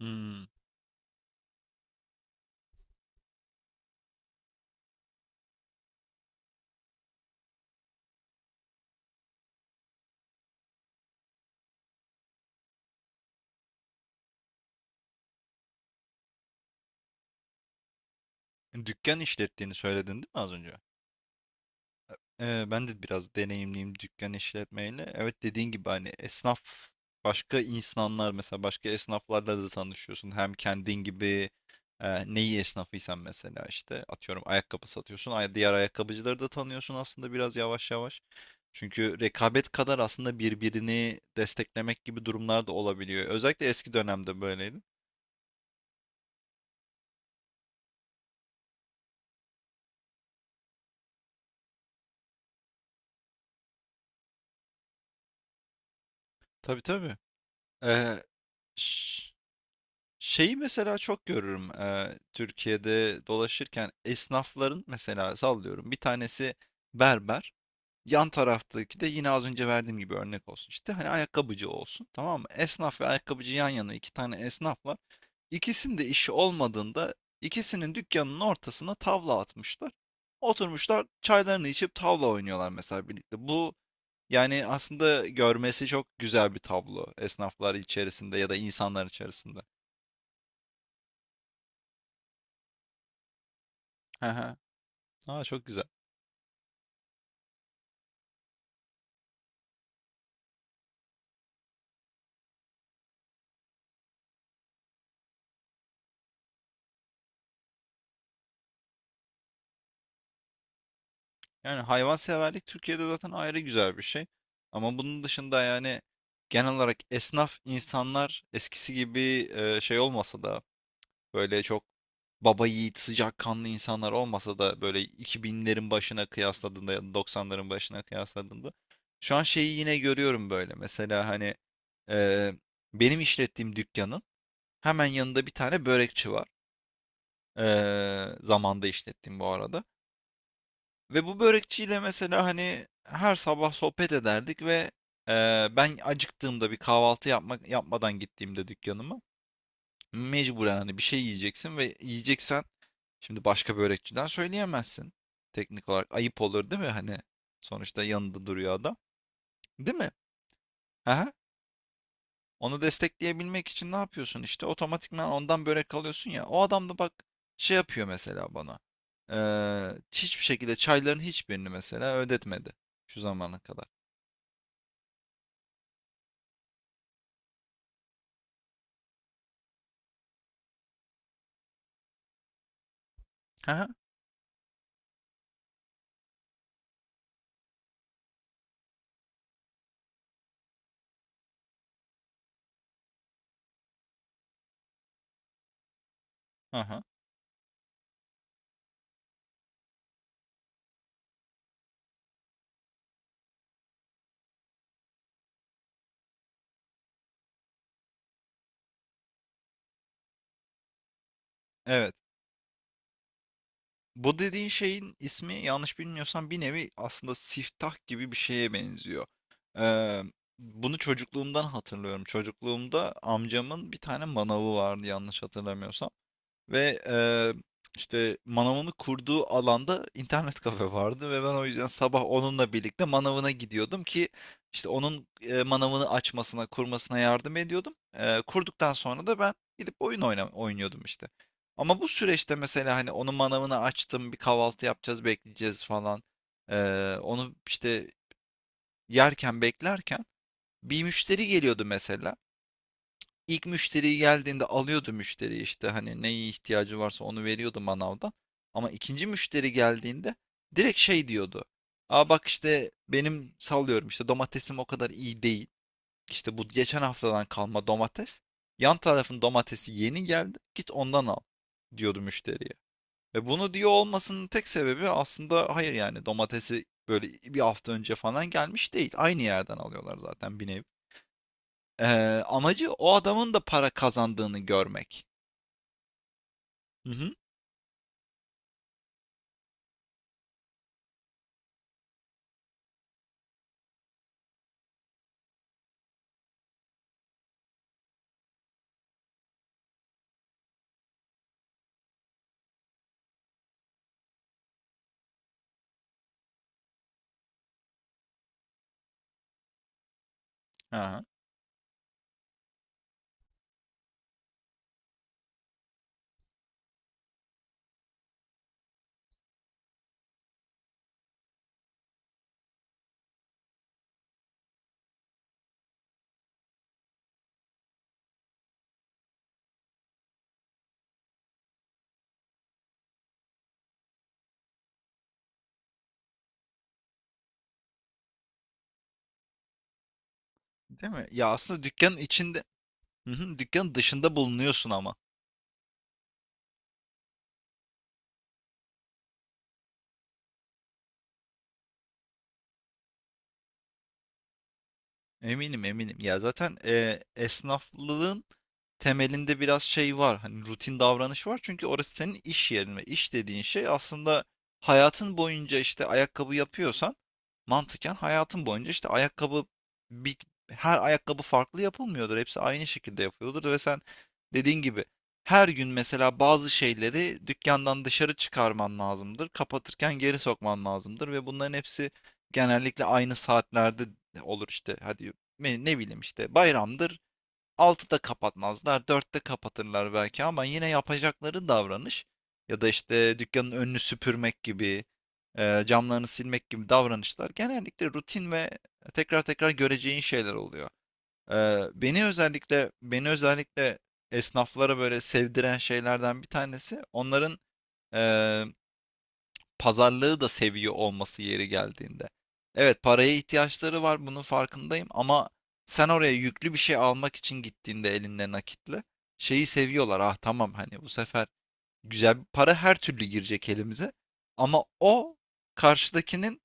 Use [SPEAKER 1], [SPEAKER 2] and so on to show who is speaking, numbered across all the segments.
[SPEAKER 1] Hmm. Dükkan işlettiğini söyledin değil mi az önce? Ben de biraz deneyimliyim dükkan işletmeyle. Evet, dediğin gibi, hani, esnaf başka insanlar, mesela başka esnaflarla da tanışıyorsun. Hem kendin gibi, neyi esnafıysan mesela, işte, atıyorum ayakkabı satıyorsun, ay diğer ayakkabıcıları da tanıyorsun aslında biraz yavaş yavaş. Çünkü rekabet kadar aslında birbirini desteklemek gibi durumlar da olabiliyor. Özellikle eski dönemde böyleydi. Tabii, tabii. Eee, ş Şeyi mesela çok görürüm, Türkiye'de dolaşırken esnafların, mesela sallıyorum, bir tanesi berber, yan taraftaki de yine az önce verdiğim gibi örnek olsun, işte hani ayakkabıcı olsun, tamam mı? Esnaf ve ayakkabıcı yan yana, iki tane esnaf var. İkisinin de işi olmadığında ikisinin dükkanının ortasına tavla atmışlar. Oturmuşlar çaylarını içip tavla oynuyorlar mesela birlikte. Bu, yani aslında görmesi çok güzel bir tablo esnaflar içerisinde ya da insanlar içerisinde. Aa, çok güzel. Yani hayvanseverlik Türkiye'de zaten ayrı güzel bir şey. Ama bunun dışında, yani genel olarak esnaf insanlar eskisi gibi şey olmasa da, böyle çok baba yiğit sıcakkanlı insanlar olmasa da, böyle 2000'lerin başına kıyasladığında ya da 90'ların başına kıyasladığında şu an şeyi yine görüyorum böyle. Mesela hani, e, benim işlettiğim dükkanın hemen yanında bir tane börekçi var. E, Zamanda işlettiğim bu arada. Ve bu börekçiyle mesela hani her sabah sohbet ederdik ve ben acıktığımda bir kahvaltı yapmadan gittiğimde dükkanıma, mecburen hani bir şey yiyeceksin ve yiyeceksen şimdi başka börekçiden söyleyemezsin. Teknik olarak ayıp olur değil mi? Hani sonuçta yanında duruyor adam. Değil mi? Aha. Onu destekleyebilmek için ne yapıyorsun işte? Otomatikman ondan börek alıyorsun ya. O adam da bak şey yapıyor mesela bana. Hiçbir şekilde çayların hiçbirini mesela ödetmedi şu zamana kadar. Hı hı, evet. Bu dediğin şeyin ismi, yanlış bilmiyorsam, bir nevi aslında siftah gibi bir şeye benziyor. Ee, bunu çocukluğumdan hatırlıyorum. Çocukluğumda amcamın bir tane manavı vardı, yanlış hatırlamıyorsam. Ve işte manavını kurduğu alanda internet kafe vardı ve ben o yüzden sabah onunla birlikte manavına gidiyordum ki işte onun, manavını açmasına, kurmasına yardım ediyordum. Kurduktan sonra da ben gidip oynuyordum işte. Ama bu süreçte mesela hani onun manavını açtım, bir kahvaltı yapacağız, bekleyeceğiz falan. Onu işte yerken beklerken bir müşteri geliyordu mesela. İlk müşteri geldiğinde alıyordu müşteri, işte hani neye ihtiyacı varsa onu veriyordu manavdan. Ama ikinci müşteri geldiğinde direkt şey diyordu. Aa bak, işte benim sallıyorum işte domatesim o kadar iyi değil. İşte bu geçen haftadan kalma domates. Yan tarafın domatesi yeni geldi. Git ondan al, diyordu müşteriye. Ve bunu diyor olmasının tek sebebi aslında, hayır yani, domatesi böyle bir hafta önce falan gelmiş değil. Aynı yerden alıyorlar zaten bir nevi. Amacı o adamın da para kazandığını görmek. Hı hı. Aha. Değil mi? Ya, aslında dükkânın içinde, hı hı, dükkânın dışında bulunuyorsun ama. Eminim, eminim. Ya zaten esnaflığın temelinde biraz şey var. Hani rutin davranış var. Çünkü orası senin iş yerin ve iş dediğin şey aslında hayatın boyunca, işte ayakkabı yapıyorsan mantıken hayatın boyunca işte ayakkabı, bir, her ayakkabı farklı yapılmıyordur. Hepsi aynı şekilde yapıyordur ve sen dediğin gibi her gün mesela bazı şeyleri dükkandan dışarı çıkarman lazımdır. Kapatırken geri sokman lazımdır ve bunların hepsi genellikle aynı saatlerde olur işte. Hadi ne bileyim, işte bayramdır 6'da kapatmazlar, 4'te kapatırlar belki ama yine yapacakları davranış, ya da işte dükkanın önünü süpürmek gibi, camlarını silmek gibi davranışlar genellikle rutin ve tekrar tekrar göreceğin şeyler oluyor. E, Beni özellikle esnaflara böyle sevdiren şeylerden bir tanesi onların, e, pazarlığı da seviyor olması yeri geldiğinde. Evet, paraya ihtiyaçları var, bunun farkındayım, ama sen oraya yüklü bir şey almak için gittiğinde elinde nakitle, şeyi seviyorlar. Ah tamam, hani bu sefer güzel bir para her türlü girecek elimize, ama o karşıdakinin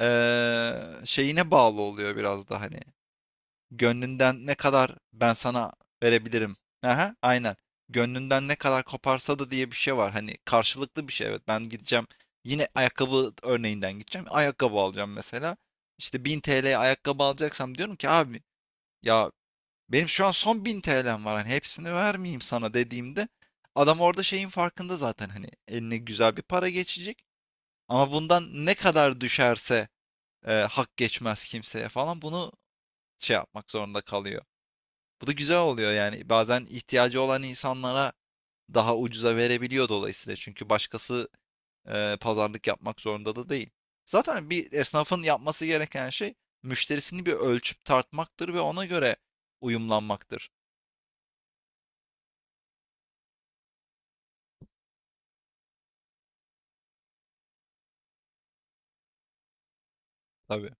[SPEAKER 1] şeyine bağlı oluyor biraz da, hani gönlünden ne kadar ben sana verebilirim. Aha, aynen. Gönlünden ne kadar koparsa da diye bir şey var. Hani karşılıklı bir şey. Evet, ben gideceğim. Yine ayakkabı örneğinden gideceğim. Ayakkabı alacağım mesela. İşte 1000 TL'ye ayakkabı alacaksam diyorum ki, abi ya, benim şu an son 1000 TL'm var. Hani hepsini vermeyeyim sana dediğimde adam orada şeyin farkında zaten, hani eline güzel bir para geçecek. Ama bundan ne kadar düşerse hak geçmez kimseye falan, bunu şey yapmak zorunda kalıyor. Bu da güzel oluyor yani. Bazen ihtiyacı olan insanlara daha ucuza verebiliyor dolayısıyla. Çünkü başkası pazarlık yapmak zorunda da değil. Zaten bir esnafın yapması gereken şey müşterisini bir ölçüp tartmaktır ve ona göre uyumlanmaktır. Tabii.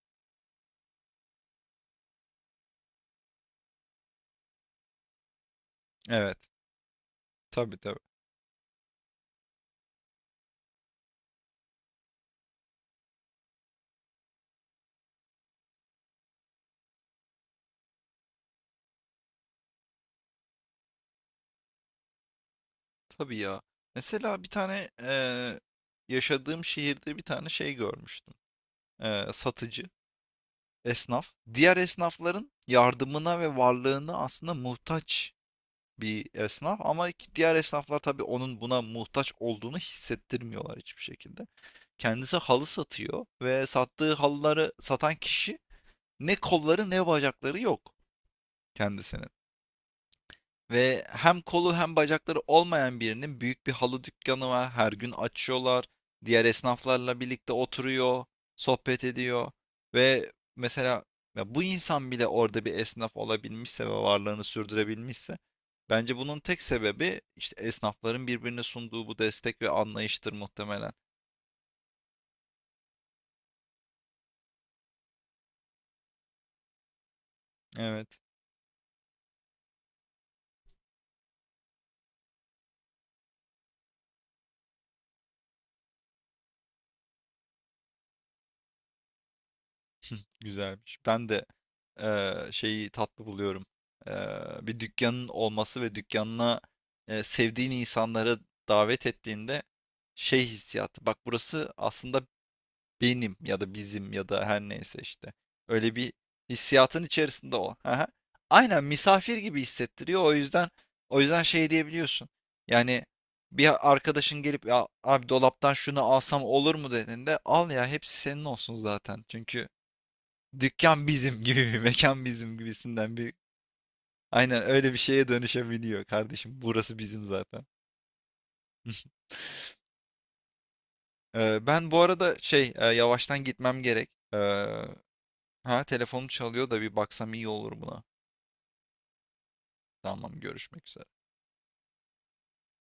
[SPEAKER 1] Evet. Tabii, tabii. Tabii ya. Mesela bir tane, yaşadığım şehirde bir tane şey görmüştüm. Satıcı, esnaf. Diğer esnafların yardımına ve varlığına aslında muhtaç bir esnaf, ama diğer esnaflar tabii onun buna muhtaç olduğunu hissettirmiyorlar hiçbir şekilde. Kendisi halı satıyor ve sattığı halıları satan kişi ne kolları ne bacakları yok kendisine. Ve hem kolu hem bacakları olmayan birinin büyük bir halı dükkanı var. Her gün açıyorlar. Diğer esnaflarla birlikte oturuyor, sohbet ediyor ve mesela, ya bu insan bile orada bir esnaf olabilmişse ve varlığını sürdürebilmişse bence bunun tek sebebi işte esnafların birbirine sunduğu bu destek ve anlayıştır muhtemelen. Evet. Güzelmiş. Ben de şeyi tatlı buluyorum. Bir dükkanın olması ve dükkanına sevdiğin insanları davet ettiğinde şey hissiyatı. Bak, burası aslında benim, ya da bizim, ya da her neyse işte. Öyle bir hissiyatın içerisinde o. Aha. Aynen misafir gibi hissettiriyor. O yüzden, o yüzden şey diyebiliyorsun. Yani bir arkadaşın gelip ya abi, dolaptan şunu alsam olur mu dediğinde, al ya, hepsi senin olsun zaten. Çünkü dükkan bizim gibi, bir mekan bizim gibisinden bir, aynen öyle bir şeye dönüşebiliyor kardeşim. Burası bizim zaten. Ben bu arada şey, yavaştan gitmem gerek. Ha, telefonum çalıyor da bir baksam iyi olur buna. Tamam, görüşmek üzere.